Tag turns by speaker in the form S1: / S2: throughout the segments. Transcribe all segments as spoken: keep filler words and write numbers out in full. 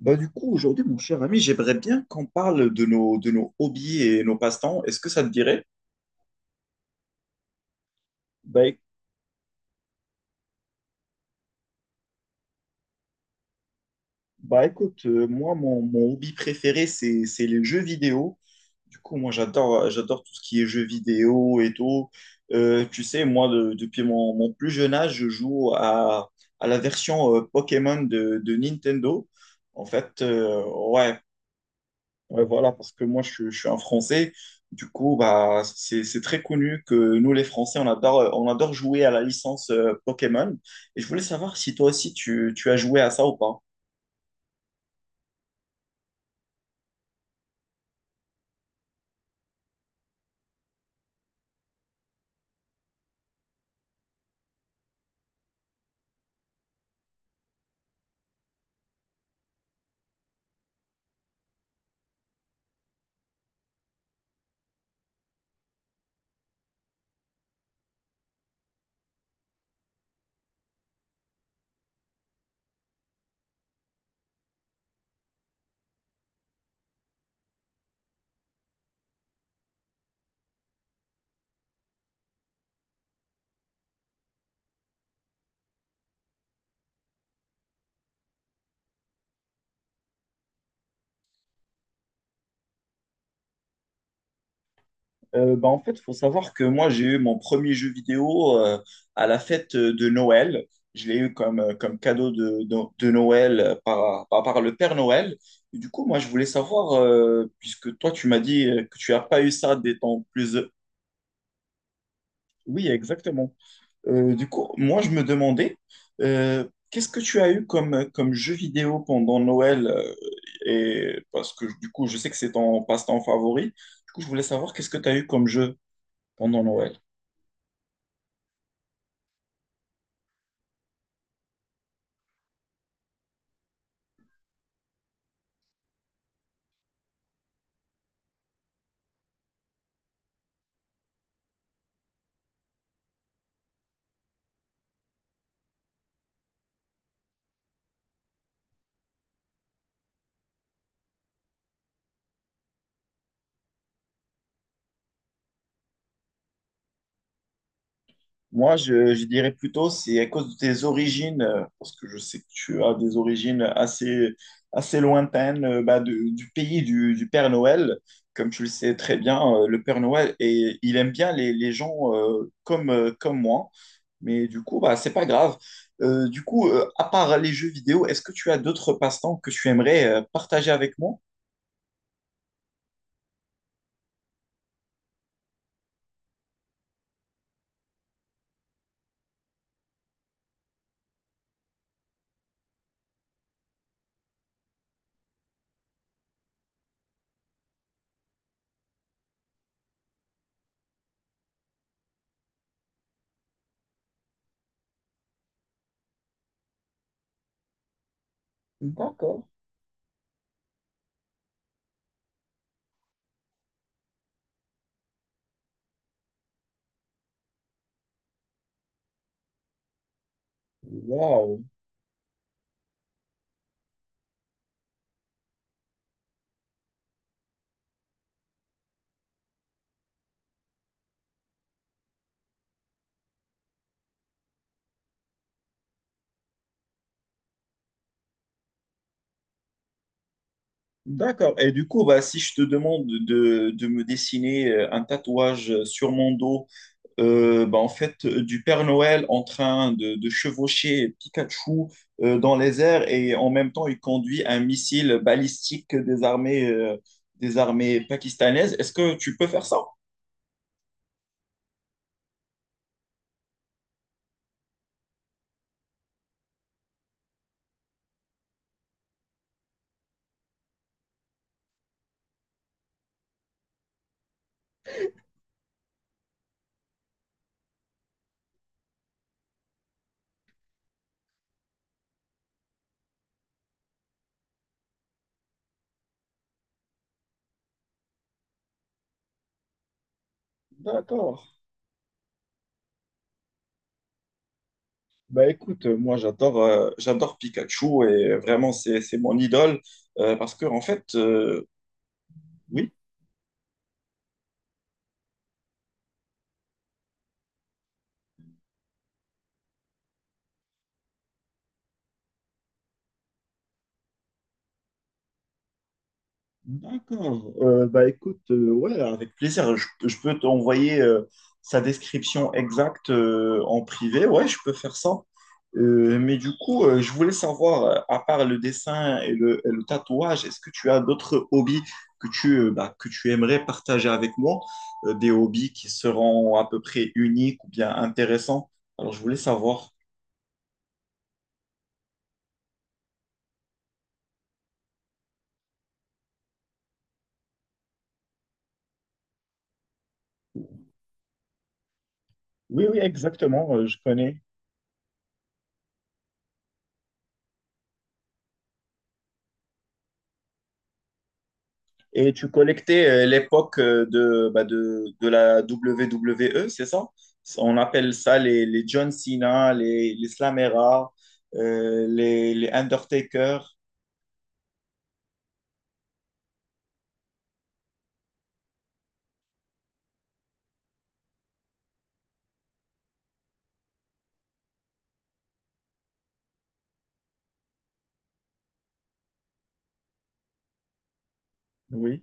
S1: Bah du coup, aujourd'hui, mon cher ami, j'aimerais bien qu'on parle de nos, de nos hobbies et nos passe-temps. Est-ce que ça te dirait? Bah, éc- bah écoute, euh, moi, mon, mon hobby préféré, c'est, c'est les jeux vidéo. Du coup, moi, j'adore, j'adore tout ce qui est jeux vidéo et tout. Euh, tu sais, moi, de- depuis mon, mon plus jeune âge, je joue à, à la version euh, Pokémon de, de Nintendo. En fait, euh, ouais, Ouais, voilà, parce que moi, je, suis je suis un Français. Du coup, bah, c'est, c'est très connu que nous, les Français, on adore, on adore jouer à la licence euh, Pokémon. Et je voulais savoir si toi aussi, tu, tu as joué à ça ou pas. Euh, bah, en fait, il faut savoir que moi, j'ai eu mon premier jeu vidéo euh, à la fête euh, de Noël. Je l'ai eu comme, euh, comme cadeau de, de, de Noël euh, par, par, par le Père Noël. Et du coup, moi, je voulais savoir, euh, puisque toi, tu m'as dit euh, que tu n'as pas eu ça des temps plus... Oui, exactement. Euh, du coup, moi, je me demandais, euh, qu'est-ce que tu as eu comme, comme jeu vidéo pendant Noël? euh, et parce que du coup, je sais que c'est ton passe-temps favori. Du coup, je voulais savoir qu'est-ce que tu as eu comme jeu pendant Noël. Moi, je, je dirais plutôt, c'est à cause de tes origines, euh, parce que je sais que tu as des origines assez, assez lointaines, euh, bah, de- du pays du, du Père Noël. Comme tu le sais très bien, euh, le Père Noël, et il aime bien les, les gens euh, comme, euh, comme moi. Mais du coup, bah, c'est pas grave. Euh, du coup, euh, à part les jeux vidéo, est-ce que tu as d'autres passe-temps que tu aimerais euh, partager avec moi? D'accord. Wow. D'accord. Et du coup, bah, si je te demande de, de me dessiner euh, un tatouage sur mon dos, euh, bah, en fait, euh, du Père Noël en train de, de chevaucher Pikachu euh, dans les airs et en même temps, il conduit un missile balistique des armées, euh, des armées pakistanaises, est-ce que tu peux faire ça? D'accord. Bah écoute, euh, moi j'adore euh, j'adore Pikachu et euh, vraiment c'est c'est mon idole, euh, parce que en fait euh, oui. D'accord. Euh, bah écoute, euh, ouais, avec plaisir. Je, je peux t'envoyer euh, sa description exacte euh, en privé. Ouais, je peux faire ça. Euh, mais du coup, euh, je voulais savoir, euh, à part le dessin et le, et le tatouage, est-ce que tu as d'autres hobbies que tu, euh, bah, que tu aimerais partager avec moi? Euh, des hobbies qui seront à peu près uniques ou bien intéressants? Alors, je voulais savoir. Oui, oui, exactement, euh, je connais. Et tu collectais euh, l'époque euh, de, bah, de, de la double V V E, c'est ça? On appelle ça les, les John Cena, les, les Slamera, euh, les, les Undertaker. Oui.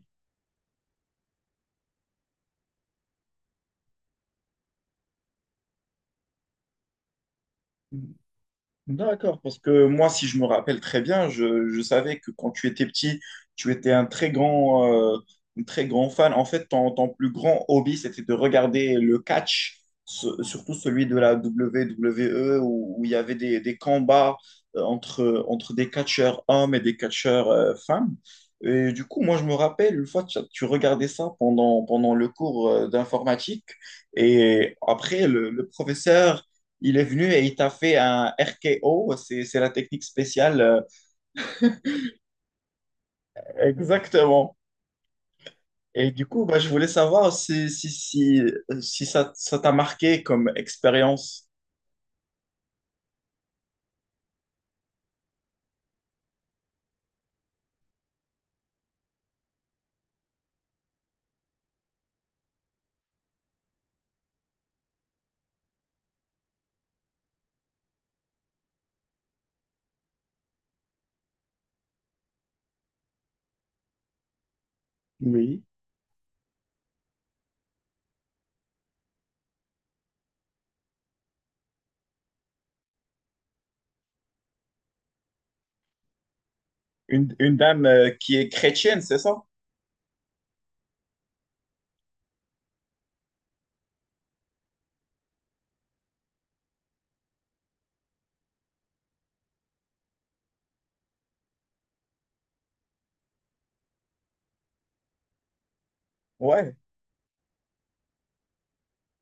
S1: D'accord, parce que moi, si je me rappelle très bien, je, je savais que quand tu étais petit, tu étais un très grand, euh, un très grand fan. En fait, ton, ton plus grand hobby, c'était de regarder le catch, ce- surtout celui de la double V V E, où, où il y avait des, des combats euh, entre, entre des catcheurs hommes et des catcheurs euh, femmes. Et du coup, moi, je me rappelle, une fois, tu, tu regardais ça pendant, pendant le cours euh, d'informatique, et après, le le professeur il est venu et il t'a fait un R K O, c'est c'est la technique spéciale. euh, Exactement. Et du coup, bah, je voulais savoir si, si, si, si ça, ça t'a marqué comme expérience. Oui. Une, une dame euh, qui est chrétienne, c'est ça? Ouais.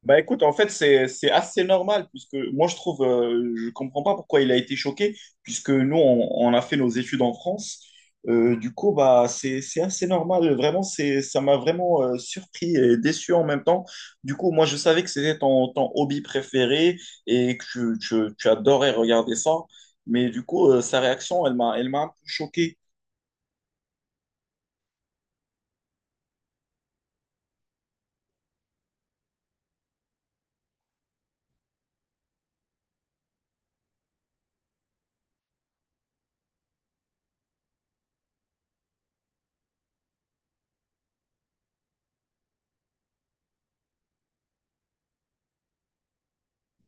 S1: Bah écoute, en fait, c'est, c'est assez normal, puisque moi, je trouve, euh, je comprends pas pourquoi il a été choqué, puisque nous, on, on a fait nos études en France. Euh, du coup, bah, c'est, c'est assez normal. Vraiment, c'est, ça m'a vraiment euh, surpris et déçu en même temps. Du coup, moi, je savais que c'était ton, ton hobby préféré et que tu, tu, tu adorais regarder ça. Mais du coup, euh, sa réaction, elle m'a, elle m'a un peu choqué.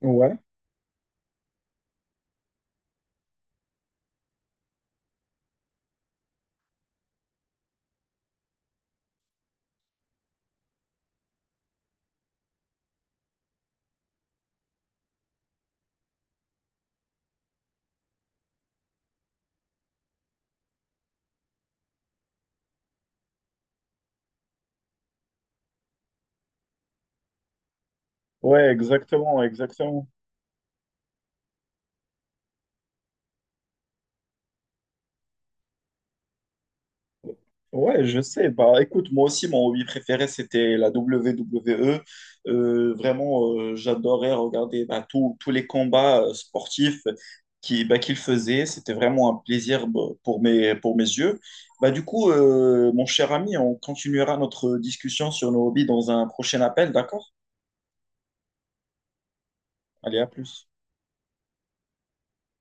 S1: Ouais, ouais, exactement, exactement. Ouais, je sais. Bah, écoute, moi aussi, mon hobby préféré, c'était la double V V E. Euh, vraiment, euh, j'adorais regarder bah, tous tous les combats euh, sportifs qui, bah, qu'il faisait. C'était vraiment un plaisir bah, pour mes, pour mes yeux. Bah, du coup, euh, mon cher ami, on continuera notre discussion sur nos hobbies dans un prochain appel, d'accord? Allez, à plus.